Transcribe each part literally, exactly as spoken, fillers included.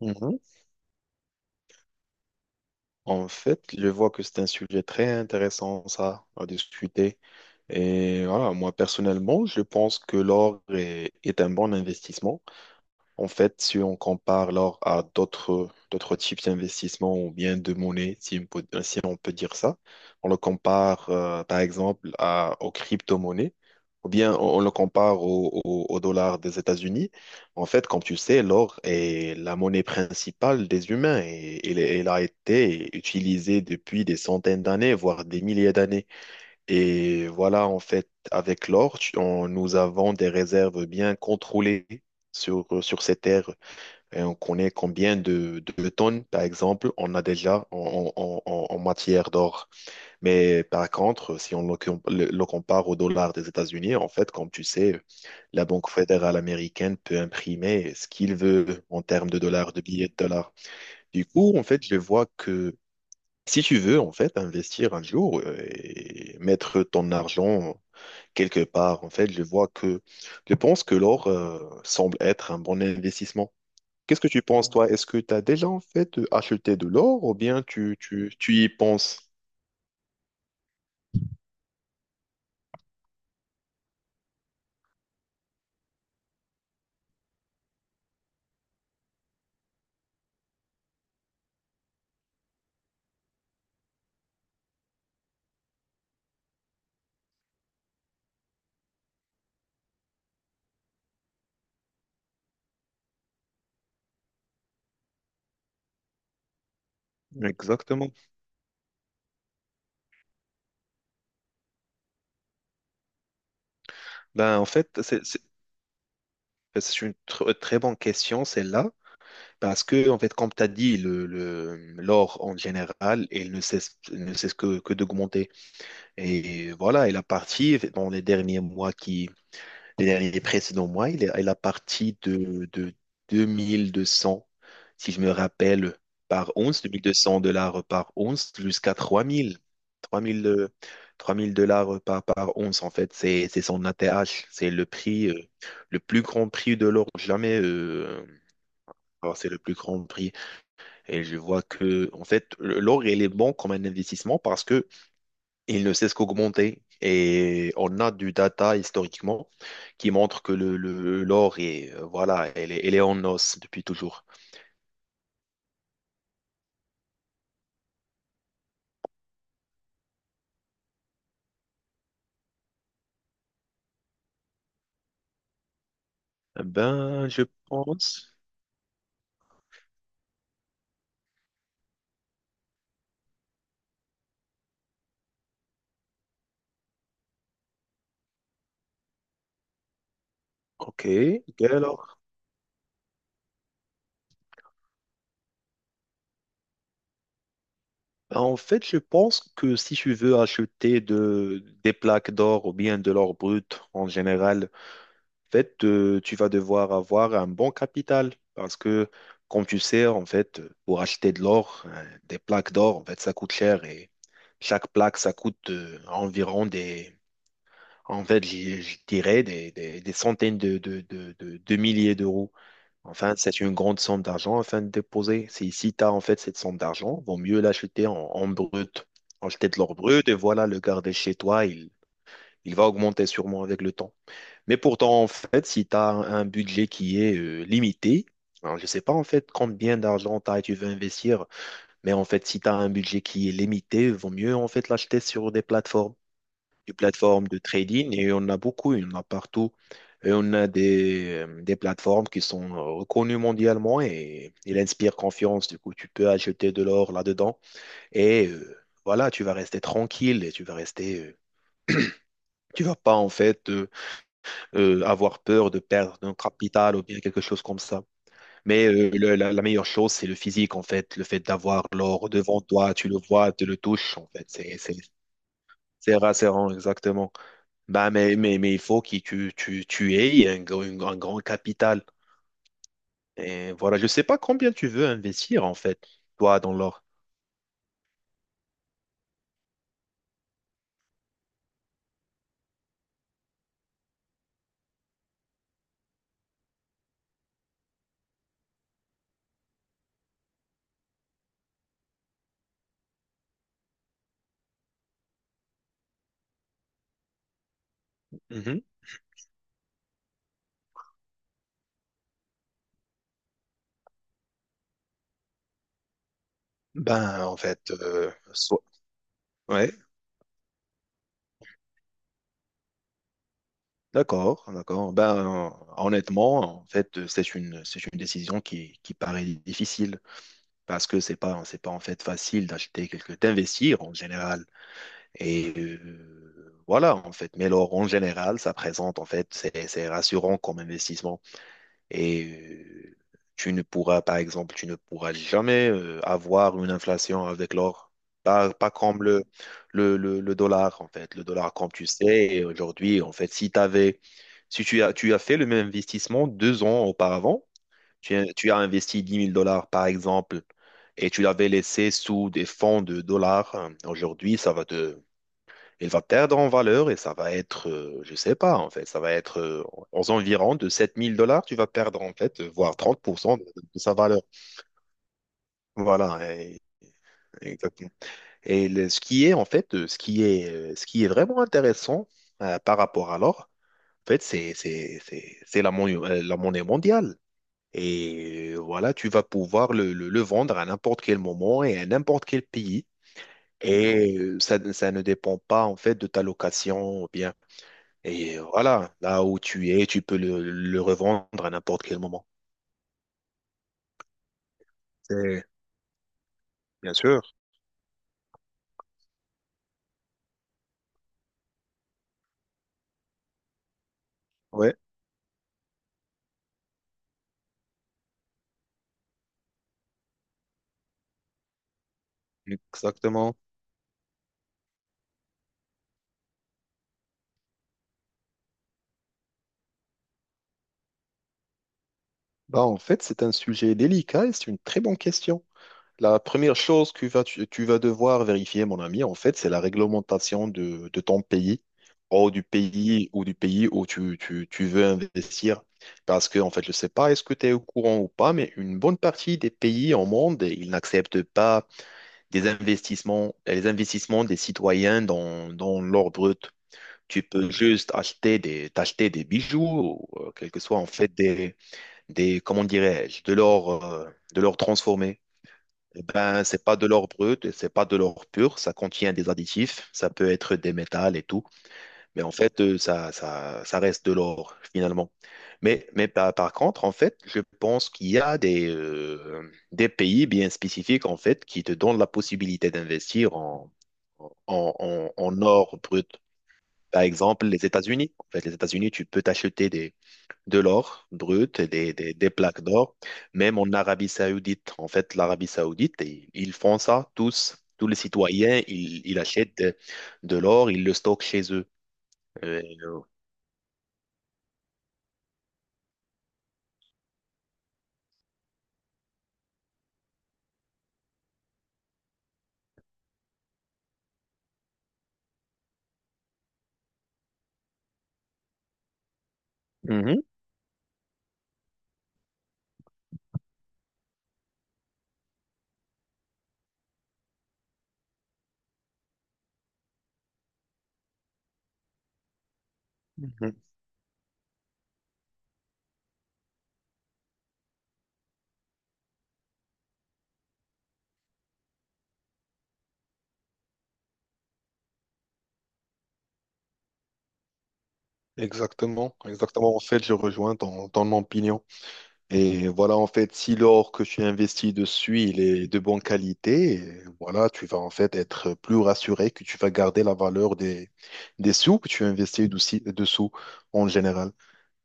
Mhm. En fait, je vois que c'est un sujet très intéressant, ça, à discuter. Et voilà, moi, personnellement, je pense que l'or est, est un bon investissement. En fait, si on compare l'or à d'autres d'autres types d'investissements ou bien de monnaie, si on peut, si on peut dire ça, on le compare euh, par exemple à, aux crypto-monnaies ou bien on, on le compare au, au- au dollar des États-Unis. En fait, comme tu sais, l'or est la monnaie principale des humains et, et elle elle a été utilisée depuis des centaines d'années, voire des milliers d'années. Et voilà, en fait, avec l'or, tu- on- nous avons des réserves bien contrôlées sur, euh, sur ces terres. Et on connaît combien de, de tonnes, par exemple, on a déjà en, en- en- en matière d'or. Mais par contre, si on le, com- le- le compare au dollar des États-Unis, en fait, comme tu sais, la Banque fédérale américaine peut imprimer ce qu'il veut en termes de dollars, de billets de dollars. Du coup, en fait, je vois que si tu veux, en fait, investir un jour euh, et mettre ton argent quelque part. En fait, je vois que je pense que l'or euh, semble être un bon investissement. Qu'est-ce que tu penses, toi? Est-ce que tu as déjà en fait acheté de l'or ou bien tu, tu, tu y penses? Exactement. Ben, en fait, c'est c'est- c'est une tr- très bonne question, celle-là, parce que, en fait, comme tu as dit, le, le- l'or en général, il ne cesse, il ne cesse que, que d'augmenter. Et voilà. il a parti dans les derniers mois qui Les derniers précédents mois, il est il a parti de, de deux mille deux cents, si je me rappelle, par once, deux mille deux cents dollars par once, jusqu'à trois mille. trois mille, euh, trois mille dollars par, par once, en fait, c'est c'est son A T H. C'est le prix, euh, le plus grand prix de l'or jamais. Euh, alors, c'est le plus grand prix. Et je vois que, en fait, le- l'or, il est bon comme un investissement parce que il ne cesse qu'augmenter. Et on a du data historiquement qui montre que le, le- l'or est, euh, voilà, elle est, elle est en os depuis toujours. Eh ben, je pense. Ok, quel or? Ben, en fait, je pense que si tu veux acheter de, des plaques d'or ou bien de l'or brut en général, en fait, euh, tu vas devoir avoir un bon capital parce que, comme tu sais, en fait, pour acheter de l'or, euh, des plaques d'or, en fait, ça coûte cher et chaque plaque, ça coûte euh, environ des En fait, je je dirais des, des- des centaines de, de, de, de, de milliers d'euros. Enfin, c'est une grande somme d'argent afin de déposer. Si, si tu as en fait cette somme d'argent, vaut mieux l'acheter en, en brut. Acheter de l'or brut et voilà, le garder chez toi, il, il va augmenter sûrement avec le temps. Mais pourtant, en fait, si tu as un budget qui est euh, limité, alors je ne sais pas en fait combien d'argent tu as et tu veux investir, mais en fait, si tu as un budget qui est limité, vaut mieux en fait l'acheter sur des plateformes des plateformes de trading et on a beaucoup, il y en a partout. Et on a des, euh, des plateformes qui sont euh, reconnues mondialement et il inspire confiance. Du coup, tu peux acheter de l'or là-dedans et euh, voilà, tu vas rester tranquille et tu vas rester. Euh, tu vas pas en fait euh, euh, avoir peur de perdre un capital ou bien quelque chose comme ça. Mais euh, le- la, la meilleure chose, c'est le physique en fait, le fait d'avoir l'or devant toi, tu le vois, tu le touches en fait. C'est c'est c'est rassurant exactement. Bah, mais, mais, mais il faut que tu, tu, tu aies un, gr- un, grand un grand capital. Et voilà, je ne sais pas combien tu veux investir en fait, toi, dans l'or. Mhm. Ben, en fait, euh, so- ouais, d'accord, d'accord. Ben, honnêtement, en fait, c'est une, c'est une décision qui, qui paraît difficile. Parce que c'est pas, c'est pas en fait facile d'acheter quelque, d'investir en général. Et euh, voilà, en fait. Mais l'or en général, ça présente, en fait, c'est, c'est rassurant comme investissement. Et euh, tu ne pourras, par exemple, tu ne pourras jamais euh, avoir une inflation avec l'or. Pas, pas comme le, le, le, le dollar, en fait. Le dollar, comme tu sais, aujourd'hui, en fait, si t'avais, si tu as, tu as fait le même investissement deux ans auparavant, tu, as tu as investi dix mille dollars, par exemple, et tu l'avais laissé sous des fonds de dollars. Hein, aujourd'hui, ça va te... Il va perdre en valeur et ça va être, euh, je sais pas, en fait, ça va être euh, aux environs de sept mille dollars, tu vas perdre, en fait, euh, voire trente pour cent de, de sa valeur. Voilà, et- exactement. Et le- ce qui est, en fait, euh, ce qui est, euh, ce qui est vraiment intéressant euh, par rapport à l'or, en fait, c'est c'est- c'est- c'est la, mon- euh, la monnaie mondiale. Et euh, voilà, tu vas pouvoir le, le- le vendre à n'importe quel moment et à n'importe quel pays. Et euh, ça, ça ne dépend pas en fait de ta location ou bien. Et euh, voilà, là où tu es, tu peux le, le revendre à n'importe quel moment. C'est bien sûr. Ouais, exactement. Bah, en fait, c'est un sujet délicat et c'est une très bonne question. La première chose que vas- tu, tu vas devoir vérifier, mon ami, en fait, c'est la réglementation de, de ton pays ou du pays ou du pays où tu, tu- tu veux investir. Parce que, en fait, je ne sais pas, est-ce que tu es au courant ou pas, mais une bonne partie des pays au monde, ils n'acceptent pas des investissements, les investissements des citoyens dans, dans l'or brut. Tu peux juste acheter des, t'acheter des bijoux, ou, euh, quel que soit, en fait, des, des, comment dirais-je, de l'or, euh, de l'or transformé. Eh ben, c'est pas de l'or brut, et c'est pas de l'or pur, ça contient des additifs, ça peut être des métals et tout, mais en fait, euh, ça, ça, ça reste de l'or finalement. Mais, mais par, par contre, en fait, je pense qu'il y a des, euh, des pays bien spécifiques en fait qui te donnent la possibilité d'investir en, en, en, en or brut. Par exemple, les États-Unis. En fait, les États-Unis, tu peux t'acheter des, de l'or brut et des, des- des plaques d'or, même en Arabie Saoudite. En fait, l'Arabie Saoudite, et- ils font ça tous. Tous les citoyens, ils, ils achètent de, de l'or, ils le stockent chez eux. Euh, Mhm, mhm. Exactement, exactement. En fait, je rejoins ton, ton opinion. Et voilà, en fait, si l'or que tu investis dessus, il est de bonne qualité, et voilà, tu vas en fait être plus rassuré que tu vas garder la valeur des, des sous que tu investis douci- dessous en général.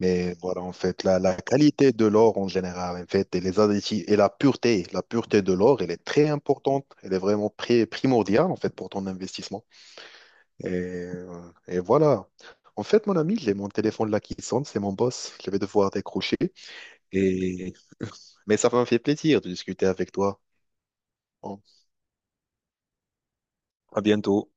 Mais voilà, en fait, la, la qualité de l'or en général, en fait, et les additifs, et la pureté, la pureté de l'or, elle est très importante, elle est vraiment pri- primordiale, en fait, pour ton investissement. Et, euh, et voilà. En fait, mon ami, j'ai mon téléphone là qui sonne, c'est mon boss, je vais devoir décrocher. Et... Mais ça m'a fait plaisir de discuter avec toi. Bon, à bientôt.